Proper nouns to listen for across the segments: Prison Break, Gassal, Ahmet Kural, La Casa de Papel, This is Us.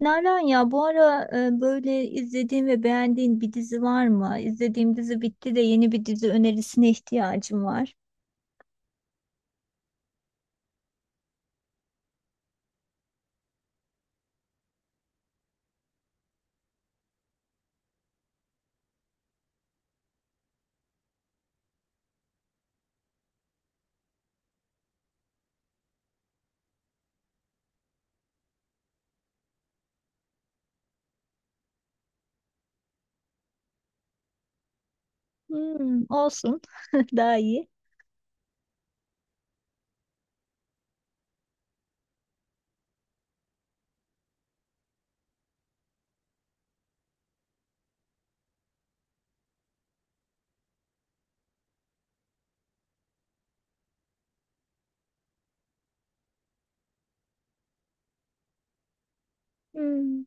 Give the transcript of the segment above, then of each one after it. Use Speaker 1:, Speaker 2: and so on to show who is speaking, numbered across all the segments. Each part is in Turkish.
Speaker 1: Nalan ya bu ara böyle izlediğin ve beğendiğin bir dizi var mı? İzlediğim dizi bitti de yeni bir dizi önerisine ihtiyacım var. Hmm, olsun. Daha iyi. Hmm,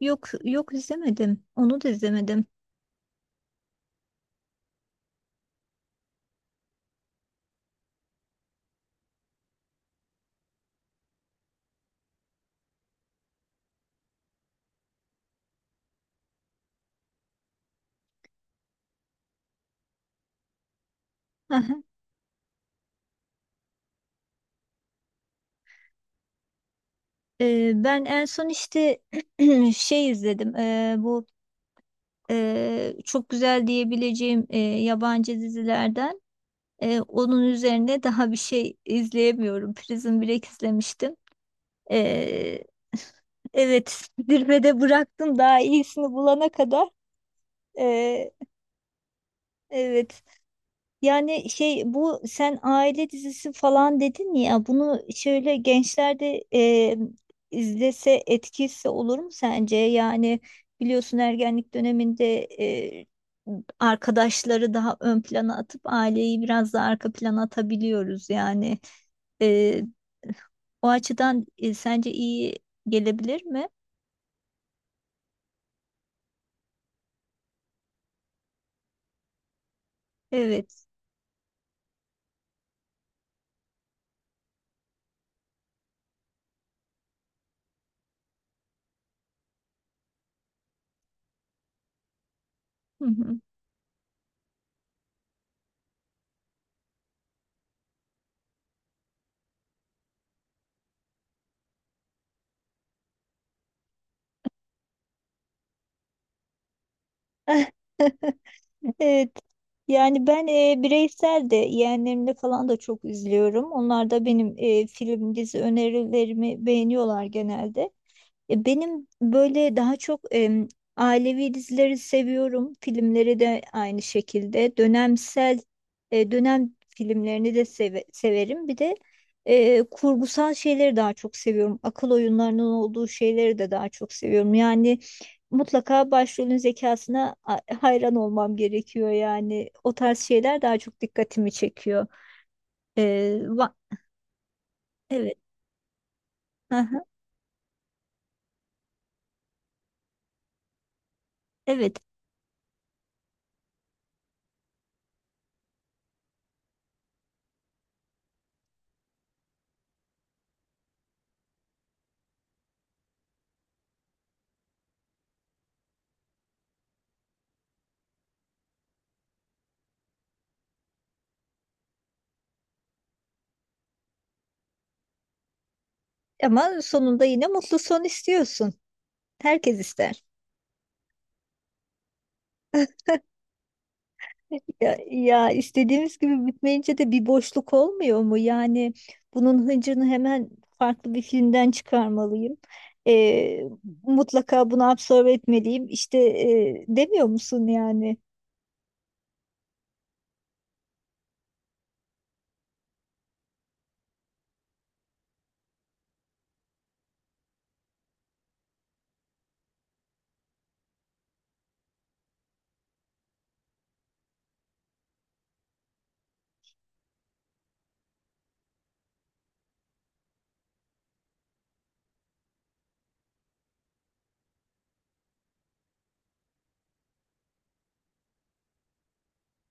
Speaker 1: Yok izlemedim. Onu da izlemedim. Aha. Ben en son işte şey izledim. Bu çok güzel diyebileceğim yabancı dizilerden. Onun üzerine daha bir şey izleyemiyorum. Prison Break izlemiştim. Ee, evet, zirvede bıraktım daha iyisini bulana kadar. Ee, evet. Yani şey bu sen aile dizisi falan dedin ya bunu şöyle gençlerde izlese etkisi olur mu sence? Yani biliyorsun ergenlik döneminde arkadaşları daha ön plana atıp aileyi biraz daha arka plana atabiliyoruz yani. Ee, o açıdan sence iyi gelebilir mi? Evet. Hı hı. Evet. Yani ben bireysel de yeğenlerimle falan da çok üzülüyorum. Onlar da benim film, dizi önerilerimi beğeniyorlar genelde. Ya benim böyle daha çok ailevi dizileri seviyorum. Filmleri de aynı şekilde. Dönemsel dönem filmlerini de severim. Bir de kurgusal şeyleri daha çok seviyorum. Akıl oyunlarının olduğu şeyleri de daha çok seviyorum. Yani mutlaka başrolün zekasına hayran olmam gerekiyor. Yani o tarz şeyler daha çok dikkatimi çekiyor. E, va- evet. Aha, evet. Ama sonunda yine mutlu son istiyorsun. Herkes ister. Ya, istediğimiz gibi bitmeyince de bir boşluk olmuyor mu? Yani bunun hıncını hemen farklı bir filmden çıkarmalıyım. Ee, mutlaka bunu absorbe etmeliyim. İşte demiyor musun yani?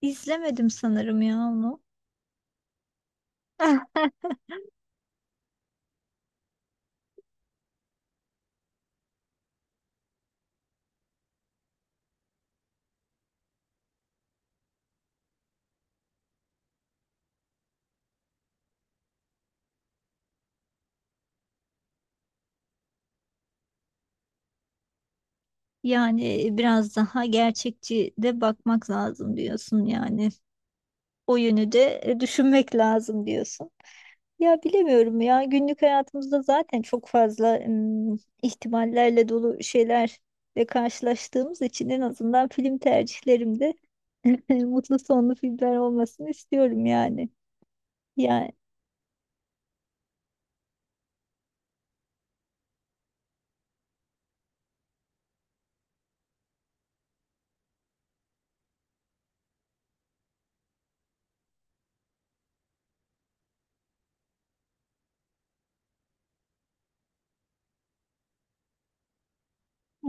Speaker 1: İzlemedim sanırım ya onu. Yani biraz daha gerçekçi de bakmak lazım diyorsun yani. O yönü de düşünmek lazım diyorsun. Ya bilemiyorum ya günlük hayatımızda zaten çok fazla ihtimallerle dolu şeylerle karşılaştığımız için en azından film tercihlerimde mutlu sonlu filmler olmasını istiyorum yani. Ya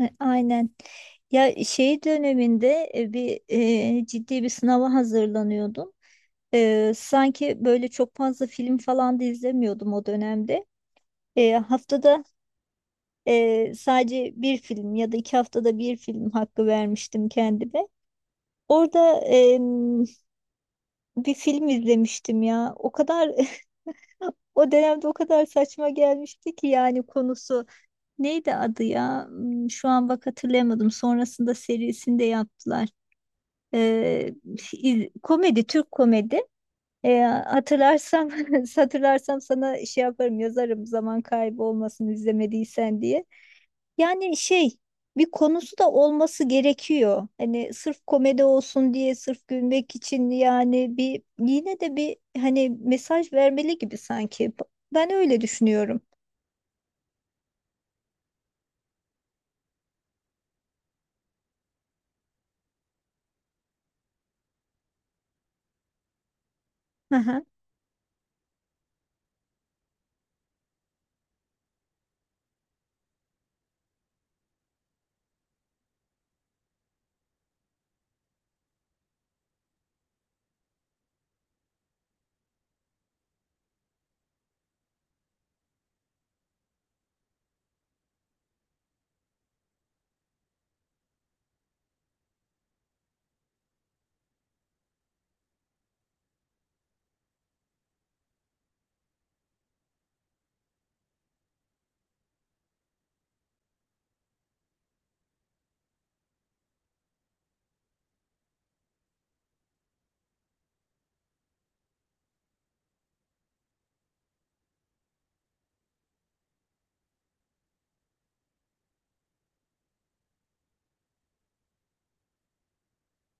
Speaker 1: aynen. Ya şey döneminde ciddi bir sınava hazırlanıyordum. Sanki böyle çok fazla film falan da izlemiyordum o dönemde. E, haftada sadece bir film ya da iki haftada bir film hakkı vermiştim kendime. Orada bir film izlemiştim ya. O kadar o dönemde o kadar saçma gelmişti ki yani konusu neydi adı ya? Hmm, şu an bak hatırlayamadım. Sonrasında serisini de yaptılar. Ee, komedi, Türk komedi. Hatırlarsam hatırlarsam sana şey yaparım yazarım zaman kaybı olmasın izlemediysen diye. Yani şey bir konusu da olması gerekiyor. Hani sırf komedi olsun diye sırf gülmek için yani bir yine de bir hani mesaj vermeli gibi sanki. Ben öyle düşünüyorum. Hı hı.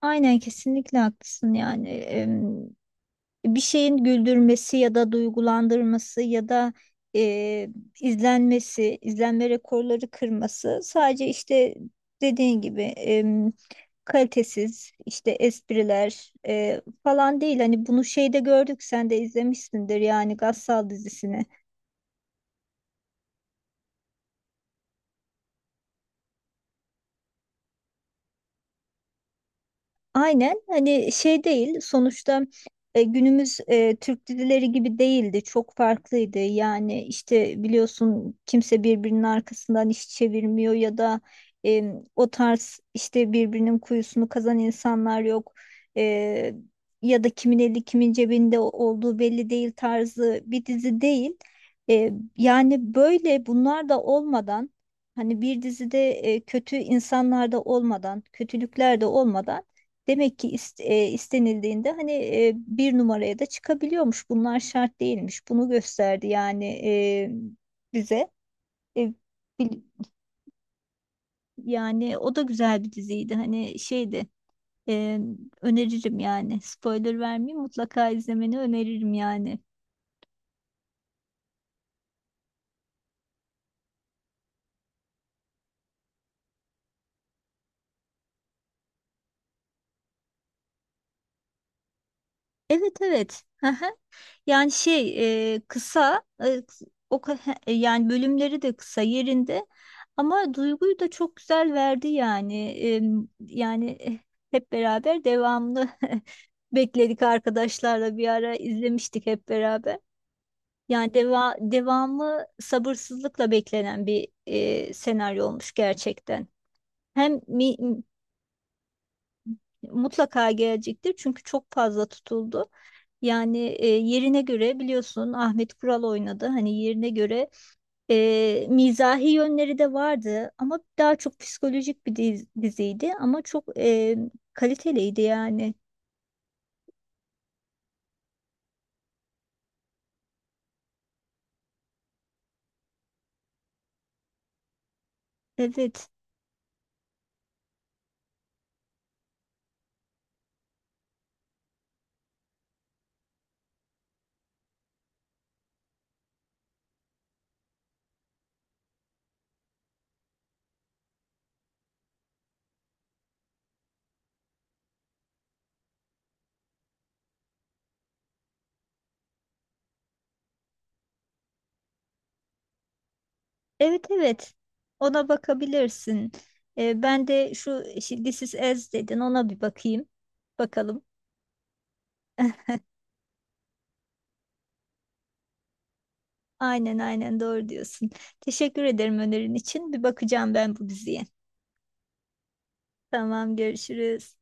Speaker 1: Aynen kesinlikle haklısın yani. Bir şeyin güldürmesi ya da duygulandırması ya da e, izlenmesi, izlenme rekorları kırması sadece işte dediğin gibi kalitesiz işte espriler falan değil. Hani bunu şeyde gördük sen de izlemişsindir yani Gassal dizisini. Aynen hani şey değil sonuçta günümüz Türk dizileri gibi değildi çok farklıydı yani işte biliyorsun kimse birbirinin arkasından iş çevirmiyor ya da e, o tarz işte birbirinin kuyusunu kazan insanlar yok. E, Ya da kimin eli kimin cebinde olduğu belli değil tarzı bir dizi değil. E, Yani böyle bunlar da olmadan hani bir dizide kötü insanlar da olmadan kötülükler de olmadan demek ki istenildiğinde hani bir numaraya da çıkabiliyormuş. Bunlar şart değilmiş. Bunu gösterdi yani bize. E, bil- yani o da güzel bir diziydi. Hani şeydi. e, Öneririm yani. Spoiler vermeyeyim mutlaka izlemeni öneririm yani. Evet evet. Yani şey e, kısa e, kıs- o ka- he, e, yani bölümleri de kısa yerinde ama duyguyu da çok güzel verdi yani. Yani eh, Hep beraber devamlı bekledik arkadaşlarla bir ara izlemiştik hep beraber. Yani devamı sabırsızlıkla beklenen bir senaryo olmuş gerçekten. Hem mi, mutlaka gelecektir çünkü çok fazla tutuldu. Yani yerine göre biliyorsun Ahmet Kural oynadı. Hani yerine göre mizahi yönleri de vardı ama daha çok psikolojik bir diziydi ama çok kaliteliydi yani. Evet, evet, evet. Ona bakabilirsin. Ben de şu This is Us dedin ona bir bakayım. Bakalım. Aynen aynen doğru diyorsun. Teşekkür ederim önerin için. Bir bakacağım ben bu diziye. Tamam görüşürüz.